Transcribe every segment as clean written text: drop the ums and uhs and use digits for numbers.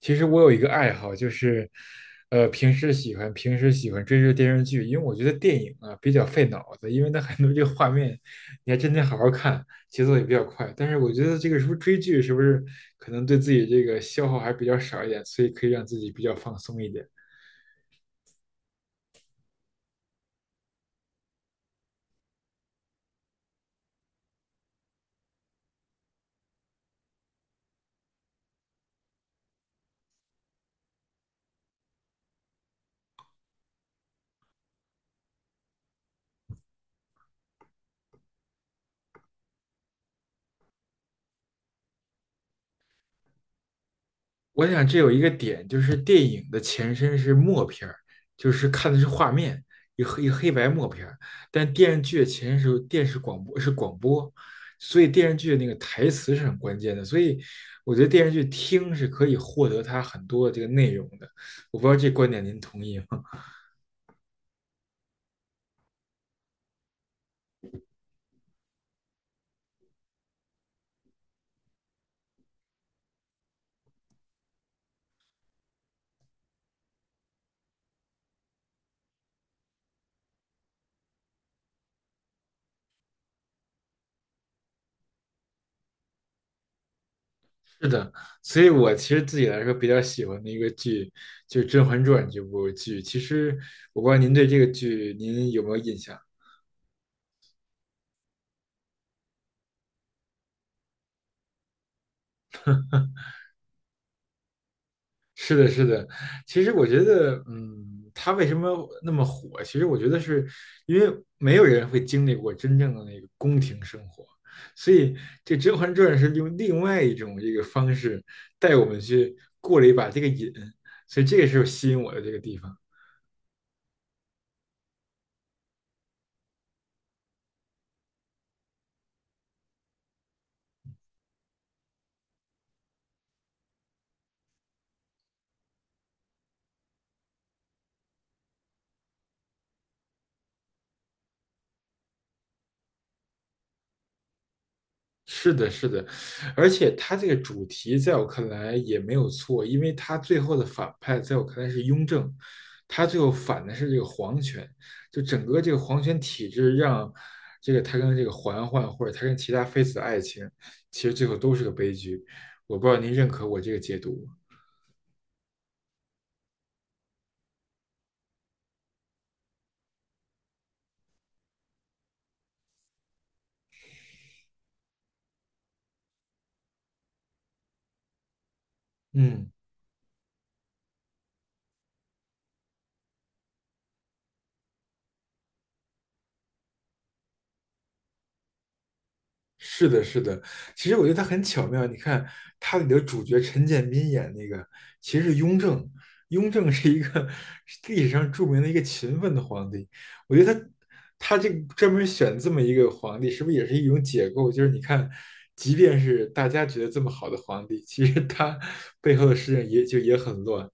其实我有一个爱好，就是，平时喜欢追着电视剧，因为我觉得电影啊比较费脑子，因为它很多这个画面，你还真得好好看，节奏也比较快。但是我觉得这个是不是追剧，是不是可能对自己这个消耗还比较少一点，所以可以让自己比较放松一点。我想这有一个点，就是电影的前身是默片儿，就是看的是画面，一黑一黑白默片儿。但电视剧的前身是电视广播，是广播，所以电视剧的那个台词是很关键的。所以我觉得电视剧听是可以获得它很多的这个内容的。我不知道这观点您同意吗？是的，所以我其实自己来说比较喜欢的一个剧就是《甄嬛传》这部剧。其实我不知道您对这个剧您有没有印象？是的，是的。其实我觉得，嗯，他为什么那么火？其实我觉得是因为没有人会经历过真正的那个宫廷生活，所以这《甄嬛传》是用另外一种这个方式带我们去过了一把这个瘾，所以这个是吸引我的这个地方。是的，是的，而且他这个主题在我看来也没有错，因为他最后的反派在我看来是雍正，他最后反的是这个皇权，就整个这个皇权体制让这个他跟这个嬛嬛或者他跟其他妃子的爱情，其实最后都是个悲剧。我不知道您认可我这个解读吗？嗯。是的，是的，其实我觉得他很巧妙。你看，他里的主角陈建斌演那个，其实是雍正。雍正是一个是历史上著名的一个勤奋的皇帝。我觉得他这个专门选这么一个皇帝，是不是也是一种解构？就是你看，即便是大家觉得这么好的皇帝，其实他背后的事情也就也很乱。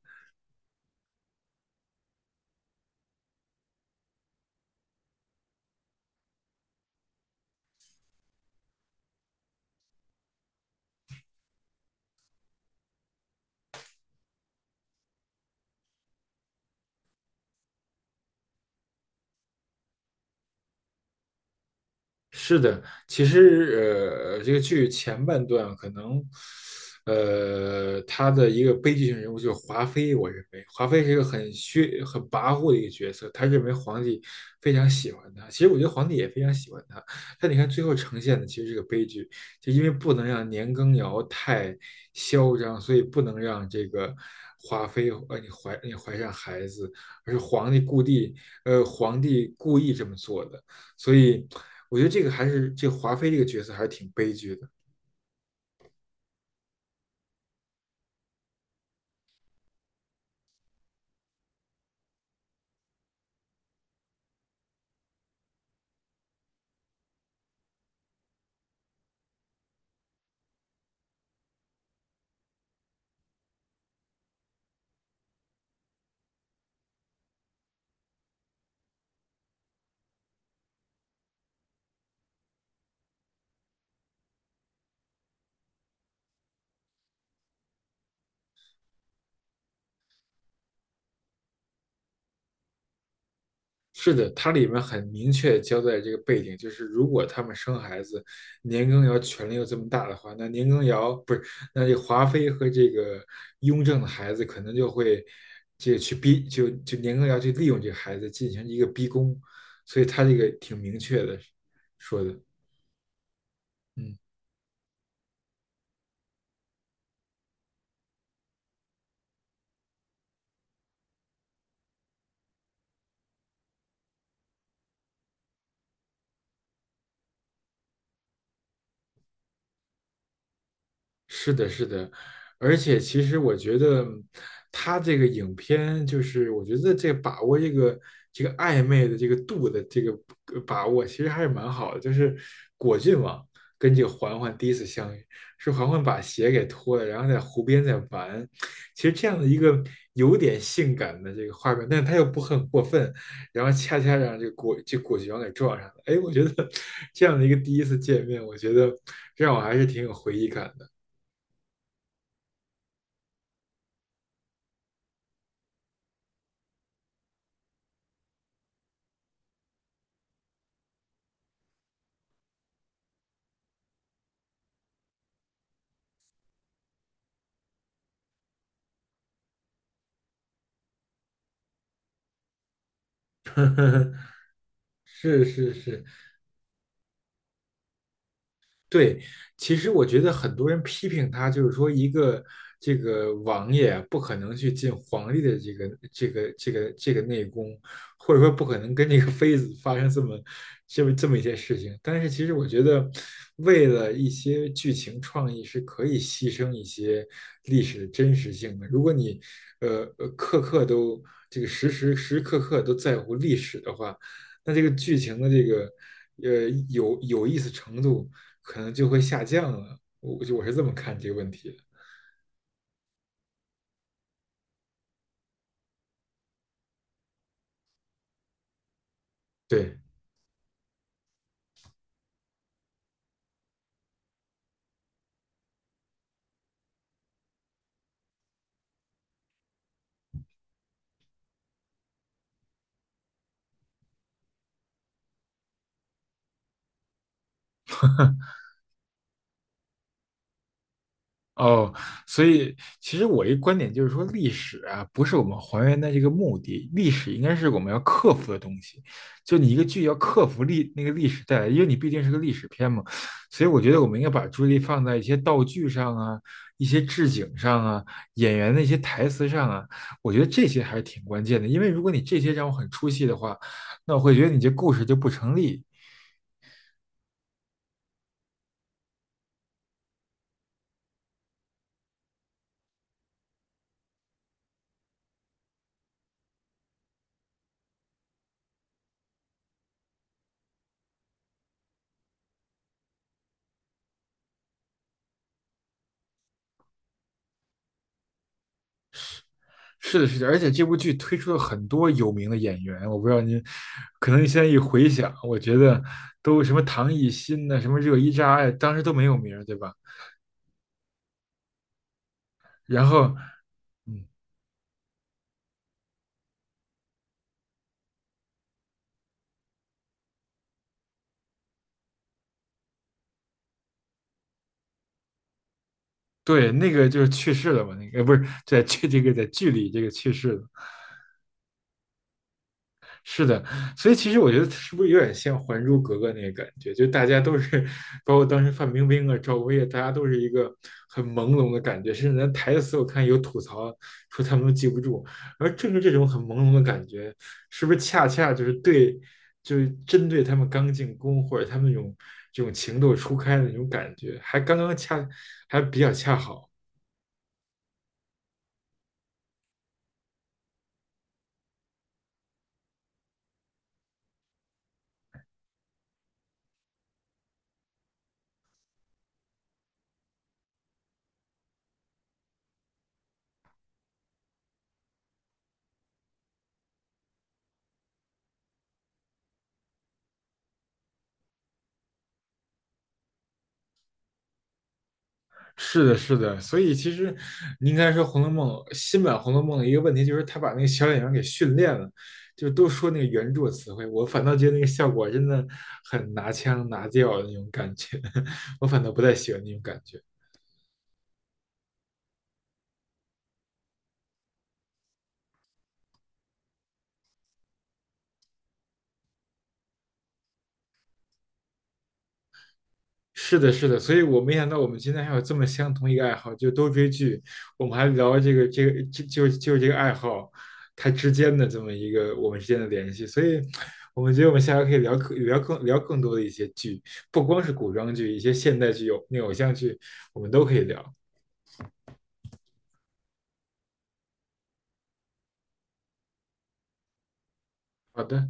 是的，其实这个剧前半段可能，他的一个悲剧性人物就是华妃。我认为华妃是一个很虚、很跋扈的一个角色，他认为皇帝非常喜欢他。其实我觉得皇帝也非常喜欢他，但你看最后呈现的其实是个悲剧，就因为不能让年羹尧太嚣张，所以不能让这个华妃你怀上孩子，而是皇帝皇帝故意这么做的。所以我觉得这个还是这个华妃这个角色还是挺悲剧的。是的，它里面很明确交代这个背景，就是如果他们生孩子，年羹尧权力又这么大的话，那年羹尧不是，那这个华妃和这个雍正的孩子可能就会这个去逼，就年羹尧去利用这个孩子进行一个逼宫，所以他这个挺明确的说的，嗯。是的，是的，而且其实我觉得他这个影片就是，我觉得这个把握这个这个暧昧的这个度的这个把握，其实还是蛮好的。就是果郡王跟这个嬛嬛第一次相遇，是嬛嬛把鞋给脱了，然后在湖边在玩。其实这样的一个有点性感的这个画面，但是他又不很过分，然后恰恰让这个这果郡王给撞上了。哎，我觉得 这样的一个第一次见面，我觉得让我还是挺有回忆感的。是是是，对，其实我觉得很多人批评他，就是说一个这个王爷啊不可能去进皇帝的这个内宫，或者说不可能跟这个妃子发生这么一些事情。但是其实我觉得，为了一些剧情创意是可以牺牲一些历史的真实性的。如果你刻刻都这个时时刻刻都在乎历史的话，那这个剧情的这个有意思程度。可能就会下降了。我是这么看这个问题的。对，哦，所以其实我一观点就是说，历史啊不是我们还原的这个目的，历史应该是我们要克服的东西。就你一个剧要克服那个历史带来，因为你毕竟是个历史片嘛，所以我觉得我们应该把注意力放在一些道具上啊、一些置景上啊、演员的一些台词上啊，我觉得这些还是挺关键的。因为如果你这些让我很出戏的话，那我会觉得你这故事就不成立，是的，是的，而且这部剧推出了很多有名的演员，我不知道您，可能你现在一回想，我觉得都什么唐艺昕呐，什么热依扎呀，当时都没有名儿，对吧？然后，嗯，对，那个就是去世了嘛，那个不是在剧在剧里这个去世了，是的，所以其实我觉得是不是有点像《还珠格格》那个感觉？就大家都是，包括当时范冰冰啊、赵薇啊，大家都是一个很朦胧的感觉，甚至连台词我看有吐槽说他们都记不住。而正是这种很朦胧的感觉，是不是恰恰就是对，就是针对他们刚进宫或者他们那种这种情窦初开的那种感觉，还比较恰好。是的，是的，所以其实你应该说《红楼梦》新版《红楼梦》的一个问题就是，他把那个小演员给训练了，就都说那个原著词汇，我反倒觉得那个效果真的很拿腔拿调的那种感觉，我反倒不太喜欢那种感觉。是的，是的，所以我没想到我们今天还有这么相同一个爱好，就都追剧。我们还聊这个这个就就就这个爱好，它之间的这么一个我们之间的联系。所以，我们觉得我们下回可以聊更多的一些剧，不光是古装剧，一些现代剧、有那偶像剧，我们都可以聊。好的。